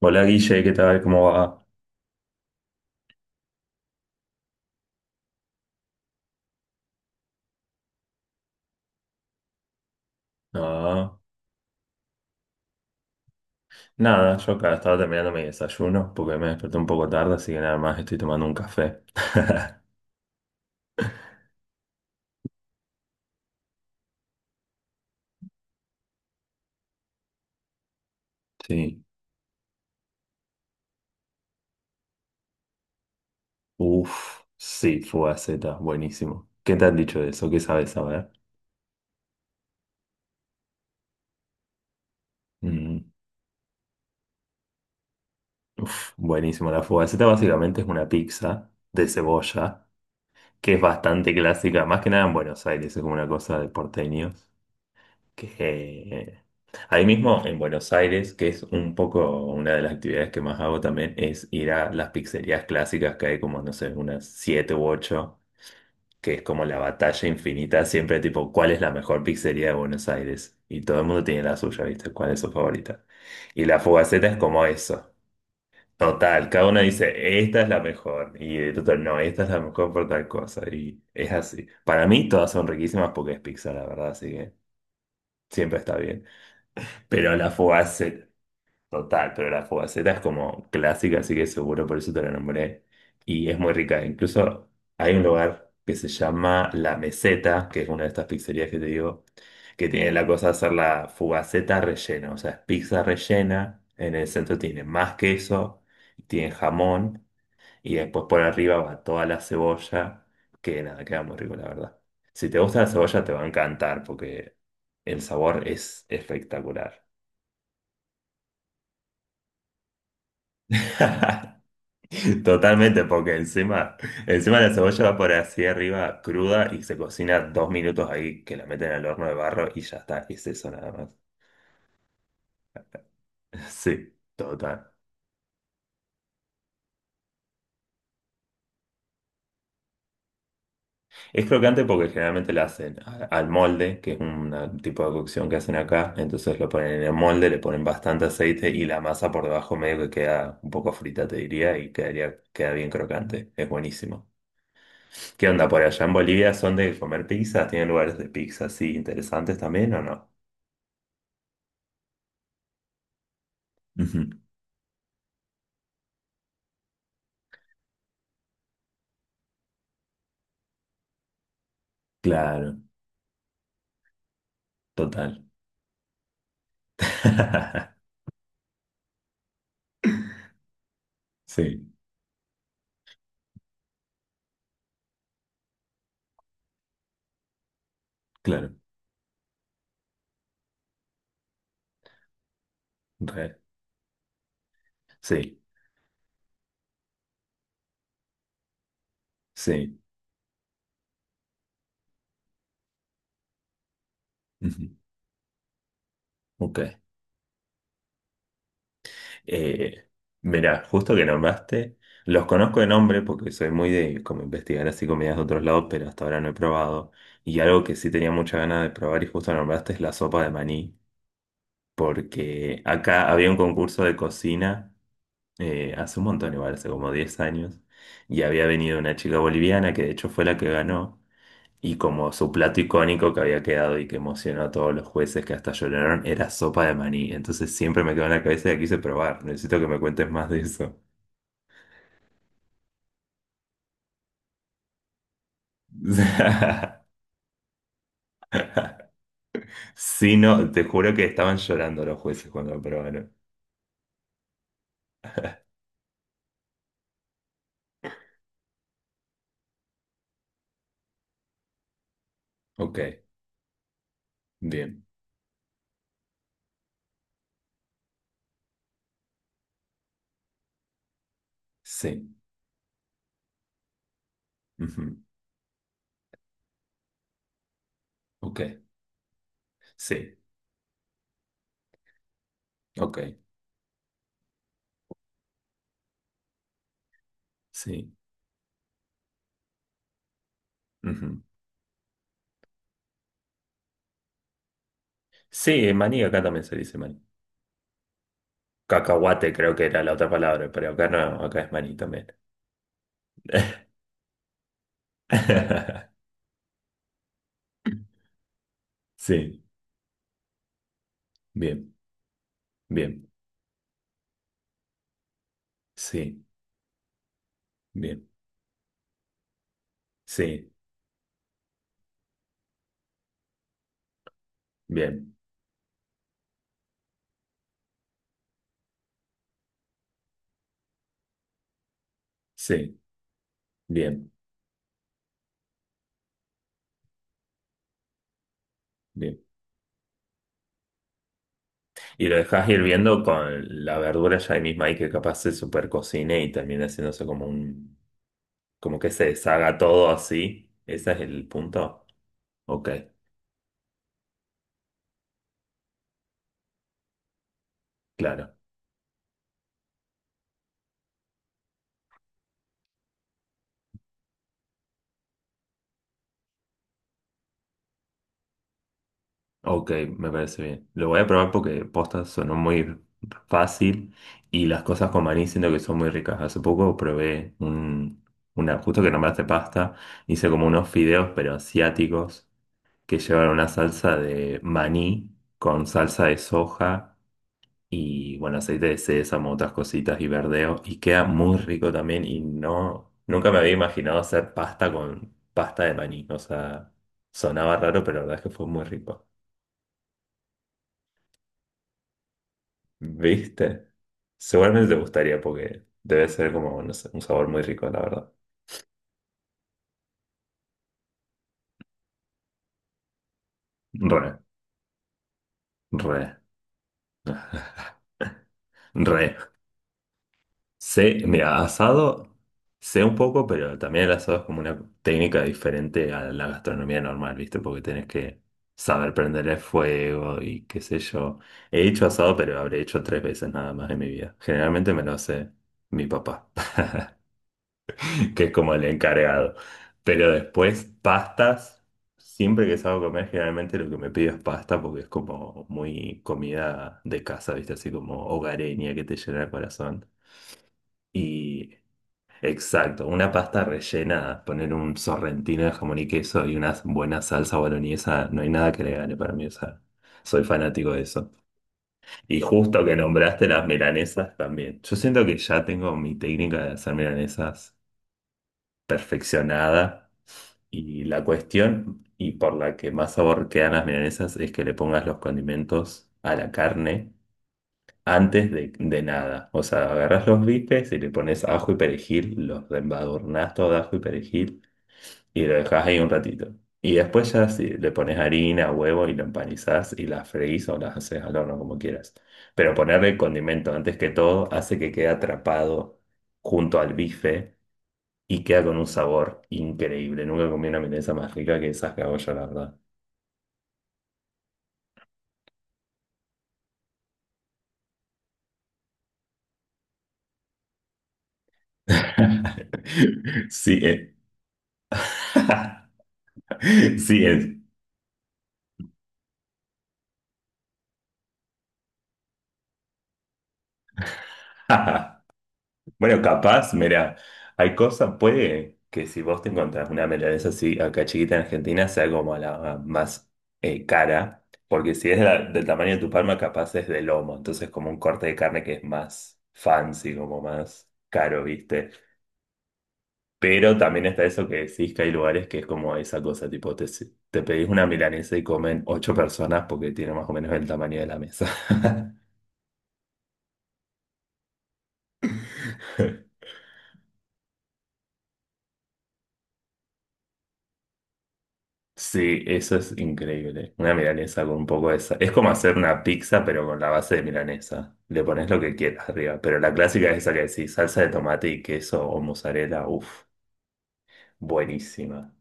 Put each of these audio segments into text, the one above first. Hola Guille, ¿qué tal? ¿Cómo va? No, nada, yo acá estaba terminando mi desayuno porque me desperté un poco tarde, así que nada más estoy tomando un café. Sí. Uf, sí, fugaceta, buenísimo. ¿Qué te han dicho de eso? ¿Qué sabes saber? Mm, uf, buenísimo. La fugaceta básicamente es una pizza de cebolla que es bastante clásica, más que nada en Buenos Aires, es como una cosa de porteños. Que ahí mismo en Buenos Aires, que es un poco una de las actividades que más hago también, es ir a las pizzerías clásicas que hay como, no sé, unas siete u ocho, que es como la batalla infinita, siempre tipo, ¿cuál es la mejor pizzería de Buenos Aires? Y todo el mundo tiene la suya, ¿viste? ¿Cuál es su favorita? Y la fugaceta es como eso. Total, cada uno dice, esta es la mejor, y el otro, no, esta es la mejor por tal cosa, y es así. Para mí todas son riquísimas porque es pizza, la verdad, así que siempre está bien. Pero la Fogaceta, total, pero la Fogaceta es como clásica, así que seguro por eso te la nombré. Y es muy rica. Incluso hay un lugar que se llama La Meseta, que es una de estas pizzerías que te digo, que tiene la cosa de hacer la Fogaceta rellena. O sea, es pizza rellena. En el centro tiene más queso, tiene jamón, y después por arriba va toda la cebolla, que nada, queda muy rico, la verdad. Si te gusta la cebolla, te va a encantar, porque el sabor es espectacular. Totalmente, porque encima, encima la cebolla va por así arriba cruda y se cocina 2 minutos ahí que la meten al horno de barro y ya está, es eso nada más. Sí, total. Es crocante porque generalmente la hacen al molde, que es un tipo de cocción que hacen acá, entonces lo ponen en el molde, le ponen bastante aceite y la masa por debajo medio que queda un poco frita, te diría, y quedaría, queda bien crocante, es buenísimo. ¿Qué onda por allá en Bolivia? ¿Son de comer pizzas? ¿Tienen lugares de pizza así interesantes también o no? Ujú. Claro, total. Sí, claro, re, sí, sí. Ujú. Ok. Eh, mirá, justo que nombraste, los conozco de nombre porque soy muy de como investigar así comidas de otros lados, pero hasta ahora no he probado. Y algo que sí tenía mucha ganas de probar y justo nombraste es la sopa de maní, porque acá había un concurso de cocina, hace un montón, igual, hace como 10 años, y había venido una chica boliviana que de hecho fue la que ganó. Y como su plato icónico que había quedado y que emocionó a todos los jueces que hasta lloraron era sopa de maní. Entonces siempre me quedó en la cabeza y la quise probar. Necesito que me cuentes más de eso. Sí, no, te juro que estaban llorando los jueces cuando lo probaron. Ok, bien. Sí. Ujú. Ok, sí. Ok, sí. Ujú. Sí, maní acá también se dice maní. Cacahuate creo que era la otra palabra, pero acá no, acá es maní también. Sí, bien, bien. Sí. Bien, sí, bien, sí, bien, bien. Y lo dejas hirviendo con la verdura ya ahí misma ahí que capaz se super cocine y termina haciéndose como un, como que se deshaga todo así. ¿Ese es el punto? Ok, claro. Ok, me parece bien. Lo voy a probar porque postas sonó muy fácil y las cosas con maní siento que son muy ricas. Hace poco probé justo que nombraste pasta, hice como unos fideos pero asiáticos que llevan una salsa de maní con salsa de soja y, bueno, aceite de sésamo, otras cositas y verdeo. Y queda muy rico también y no, nunca me había imaginado hacer pasta con pasta de maní. O sea, sonaba raro, pero la verdad es que fue muy rico. ¿Viste? Seguramente te gustaría porque debe ser como, no sé, un sabor muy rico, la verdad. Re, re, re. Sé, mira, asado sé un poco, pero también el asado es como una técnica diferente a la gastronomía normal, ¿viste? Porque tenés que saber prender el fuego y qué sé yo. He hecho asado, pero habré hecho tres veces nada más en mi vida. Generalmente me lo hace mi papá, que es como el encargado. Pero después, pastas, siempre que salgo a comer, generalmente lo que me pido es pasta porque es como muy comida de casa, ¿viste? Así como hogareña que te llena el corazón. Y exacto, una pasta rellena, poner un sorrentino de jamón y queso y una buena salsa boloñesa, no hay nada que le gane para mí, o sea, soy fanático de eso. Y justo que nombraste las milanesas también. Yo siento que ya tengo mi técnica de hacer milanesas perfeccionada, y la cuestión y por la que más sabor quedan las milanesas es que le pongas los condimentos a la carne antes de nada. O sea, agarras los bifes y le pones ajo y perejil, los embadurnás todo de ajo y perejil y lo dejas ahí un ratito. Y después ya sí, le pones harina, huevo y lo empanizás y las freís o las haces al horno como quieras. Pero ponerle condimento antes que todo hace que quede atrapado junto al bife y queda con un sabor increíble. Nunca comí una milanesa más rica que esas que hago yo, la verdad. Sí, es. Sí, es. Bueno, capaz, mira, hay cosas, puede que si vos te encontrás una milanesa así acá chiquita en Argentina sea como la más, cara, porque si es del tamaño de tu palma, capaz es de lomo, entonces como un corte de carne que es más fancy, como más caro, ¿viste? Pero también está eso que decís que hay lugares que es como esa cosa, tipo, te pedís una milanesa y comen ocho personas porque tiene más o menos el tamaño de la mesa. Sí, eso es increíble. Una milanesa con un poco de esa. Es como hacer una pizza, pero con la base de milanesa. Le pones lo que quieras arriba. Pero la clásica es esa que decís, salsa de tomate y queso o mozzarella. Uf, buenísima.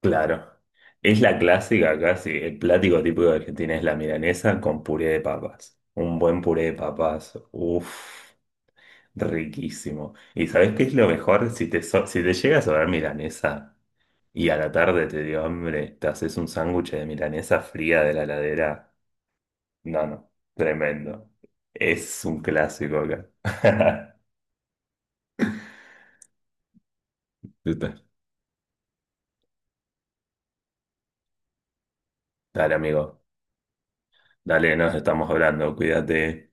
Claro. Es la clásica casi. El plático típico de Argentina es la milanesa con puré de papas. Un buen puré de papas. Uf, riquísimo. ¿Y sabés qué es lo mejor? Si te llega a sobrar milanesa. Y a la tarde te dio hambre, te haces un sándwich de milanesa fría de la heladera. No, no, tremendo. Es un clásico acá. ¿Viste? Dale, amigo. Dale, nos estamos hablando. Cuídate.